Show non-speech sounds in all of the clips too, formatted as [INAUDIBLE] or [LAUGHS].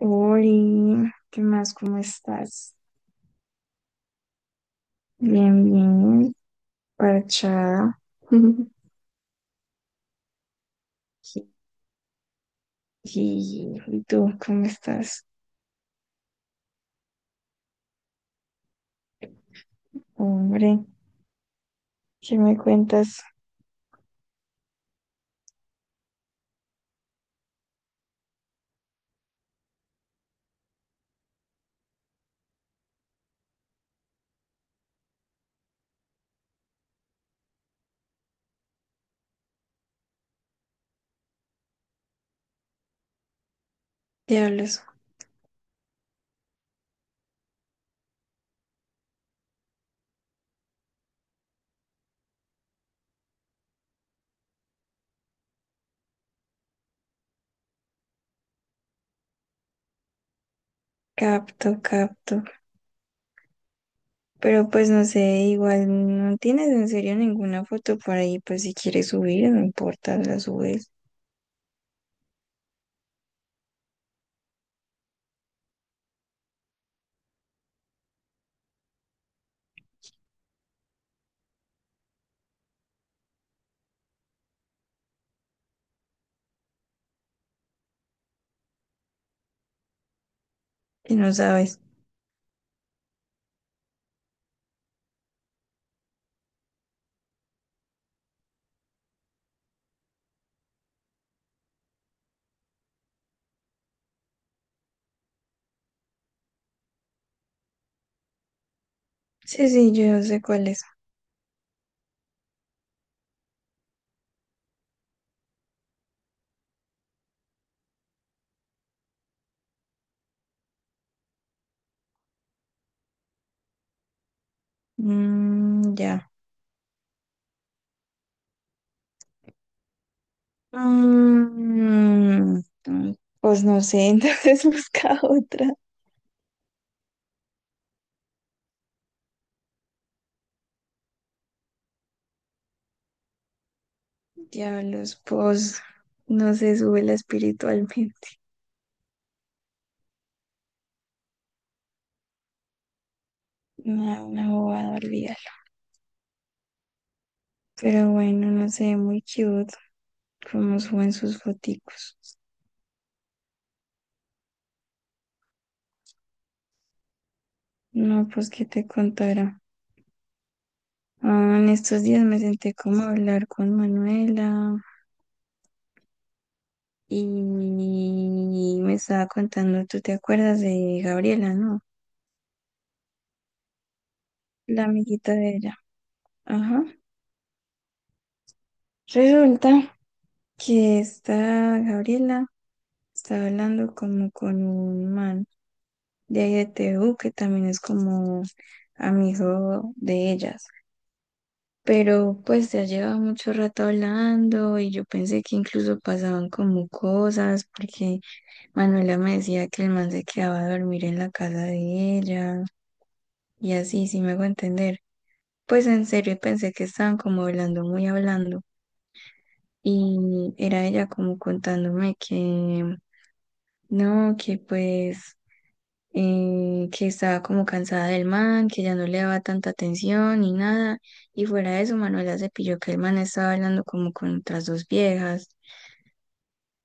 Ori, ¿qué más? ¿Cómo estás? Bien, bien, parchada. [LAUGHS] Y tú, ¿cómo estás? Hombre, ¿qué me cuentas? Diablos, capto, capto. Pero pues no sé, igual no tienes en serio ninguna foto por ahí, pues si quieres subir, no importa, la subes. Y no sabes. Sí, sí, yo sé cuál es. Mm, ya. Mm, mm, mm. Pues no sé, [LAUGHS] entonces busca otra. Diablos, pues no se sube la espiritualmente. [LAUGHS] Una bobada olvidar. Pero bueno, no sé, muy cute como suben sus foticos. No, pues qué te contará. Ah, en estos días me senté como a hablar con Manuela y me estaba contando, ¿tú te acuerdas de Gabriela, no? La amiguita de ella. Ajá. Resulta que esta Gabriela estaba hablando como con un man de ahí de T TU, que también es como amigo de ellas. Pero pues ya lleva mucho rato hablando y yo pensé que incluso pasaban como cosas, porque Manuela me decía que el man se quedaba a dormir en la casa de ella y así, sí me hago entender. Pues en serio pensé que estaban como hablando, muy hablando. Y era ella como contándome que no, que pues que estaba como cansada del man, que ya no le daba tanta atención ni nada. Y fuera de eso, Manuela se pilló que el man estaba hablando como con otras dos viejas.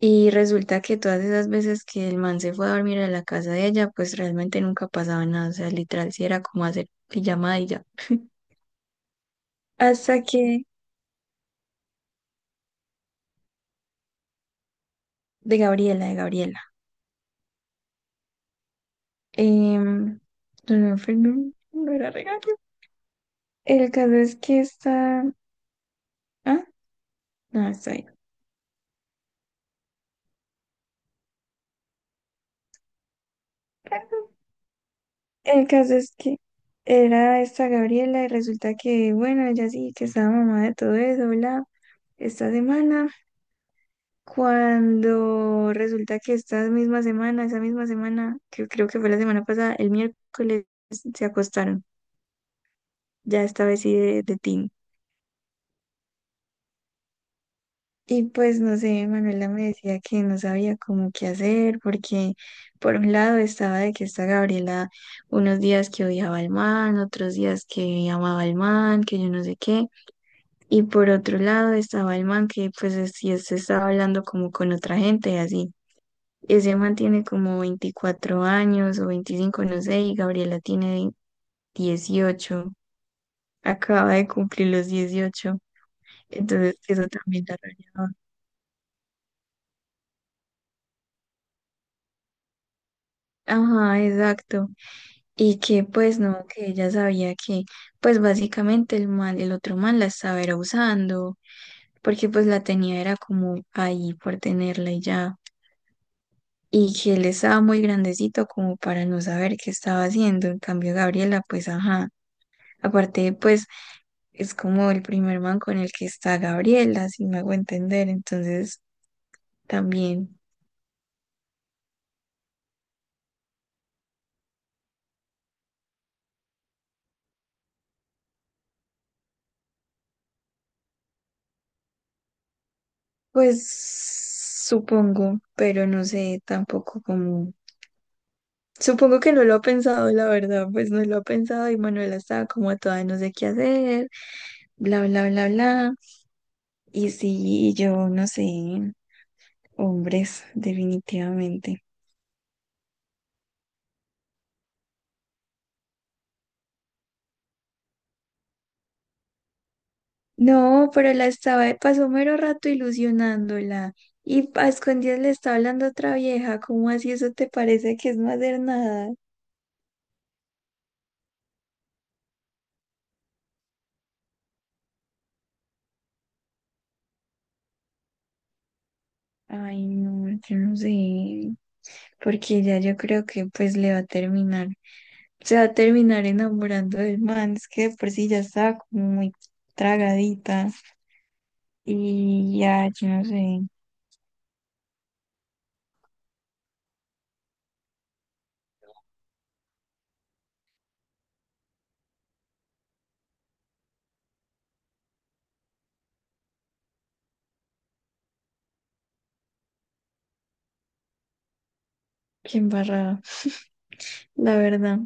Y resulta que todas esas veces que el man se fue a dormir a la casa de ella, pues realmente nunca pasaba nada. O sea, literal, sí era como hacer pijamada y ya. [LAUGHS] Hasta que, de Gabriela, de Gabriela. Em, no, no, era regalo. El caso es que está. Ah, no, está bien. El caso es que era esta Gabriela y resulta que, bueno, ella sí que estaba mamá de todo eso, bla. Esta semana, cuando resulta que esta misma semana, esa misma semana, que creo que fue la semana pasada, el miércoles se acostaron, ya esta vez sí de team. Y pues no sé, Manuela me decía que no sabía cómo qué hacer, porque por un lado estaba de que esta Gabriela unos días que odiaba al man, otros días que amaba al man, que yo no sé qué. Y por otro lado estaba el man que pues sí estaba hablando como con otra gente y así. Ese man tiene como 24 años o 25 no sé, y Gabriela tiene 18. Acaba de cumplir los 18. Entonces eso también la rayaba. Ajá, exacto. Y que pues no, que ella sabía que pues básicamente el man, el otro man la estaba era usando, porque pues la tenía era como ahí por tenerla y ya. Y que él estaba muy grandecito como para no saber qué estaba haciendo. En cambio, Gabriela, pues ajá. Aparte, pues es como el primer man con el que está Gabriela, si me hago entender. Entonces, también, pues supongo, pero no sé tampoco como. Supongo que no lo ha pensado, la verdad, pues no lo ha pensado y Manuela estaba como toda no sé qué hacer, bla, bla, bla, bla. Y sí, yo no sé, hombres, definitivamente. No, pero la estaba, pasó mero rato ilusionándola. Y a escondidas le está hablando otra vieja. ¿Cómo así eso te parece que es no hacer nada? Ay, no, yo no sé. Porque ya yo creo que pues le va a terminar. Se va a terminar enamorando del man. Es que de por sí ya está como muy tragadita. Y ya, yo no sé. Qué embarrada, la verdad.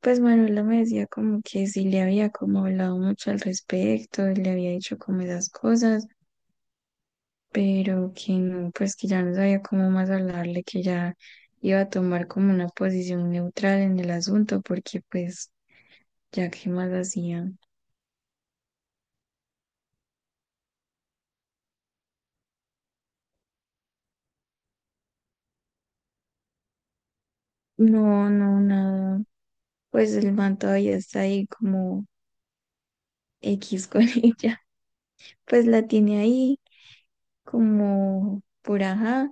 Pues Manuela me decía como que sí le había como hablado mucho al respecto, le había dicho como esas cosas, pero que no, pues que ya no sabía cómo más hablarle, que ya iba a tomar como una posición neutral en el asunto, porque pues ya qué más hacía. No, no, nada. Pues el man todavía está ahí como X con [LAUGHS] ella. Pues la tiene ahí como por ajá,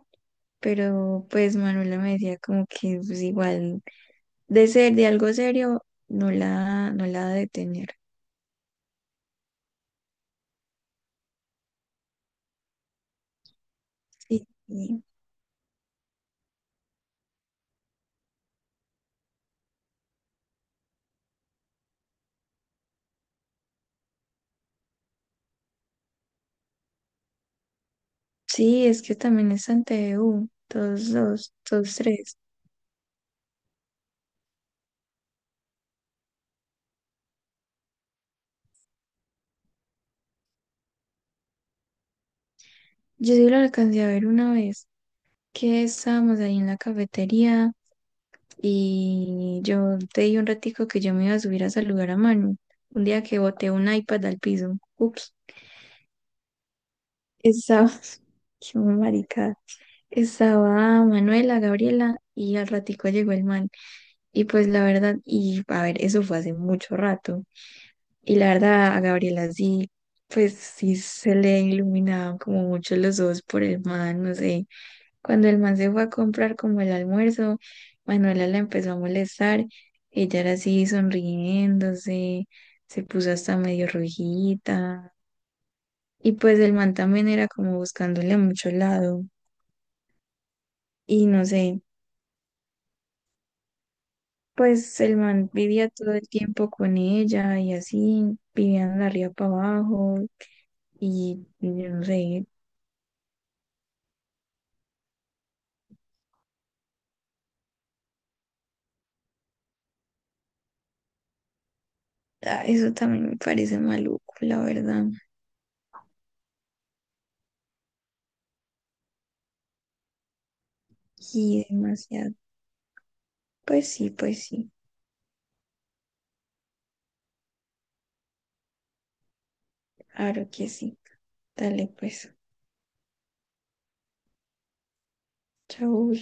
pero pues Manuela me decía como que pues igual de ser de algo serio, no la ha de tener. Sí, sí, sí, es que también es ante TVU, todos dos, todos tres. Yo sí lo alcancé a ver una vez que estábamos ahí en la cafetería y yo te di un ratico que yo me iba a subir a saludar a Manu. Un día que boté un iPad al piso. Ups, estaba, [LAUGHS] qué maricada. Estaba Manuela, Gabriela y al ratico llegó el man. Y pues la verdad, y a ver, eso fue hace mucho rato. Y la verdad, a Gabriela sí, pues sí se le iluminaban como mucho los ojos por el man, no sé. Cuando el man se fue a comprar como el almuerzo, Manuela la empezó a molestar. Ella era así sonriéndose, se puso hasta medio rojita. Y pues el man también era como buscándole a mucho lado. Y no sé, pues el man vivía todo el tiempo con ella y así, vivían de arriba para abajo. Y yo no sé. Ah, eso también me parece maluco, la verdad. Y demasiado. Pues sí, pues sí. Claro que sí. Dale, pues. Chau.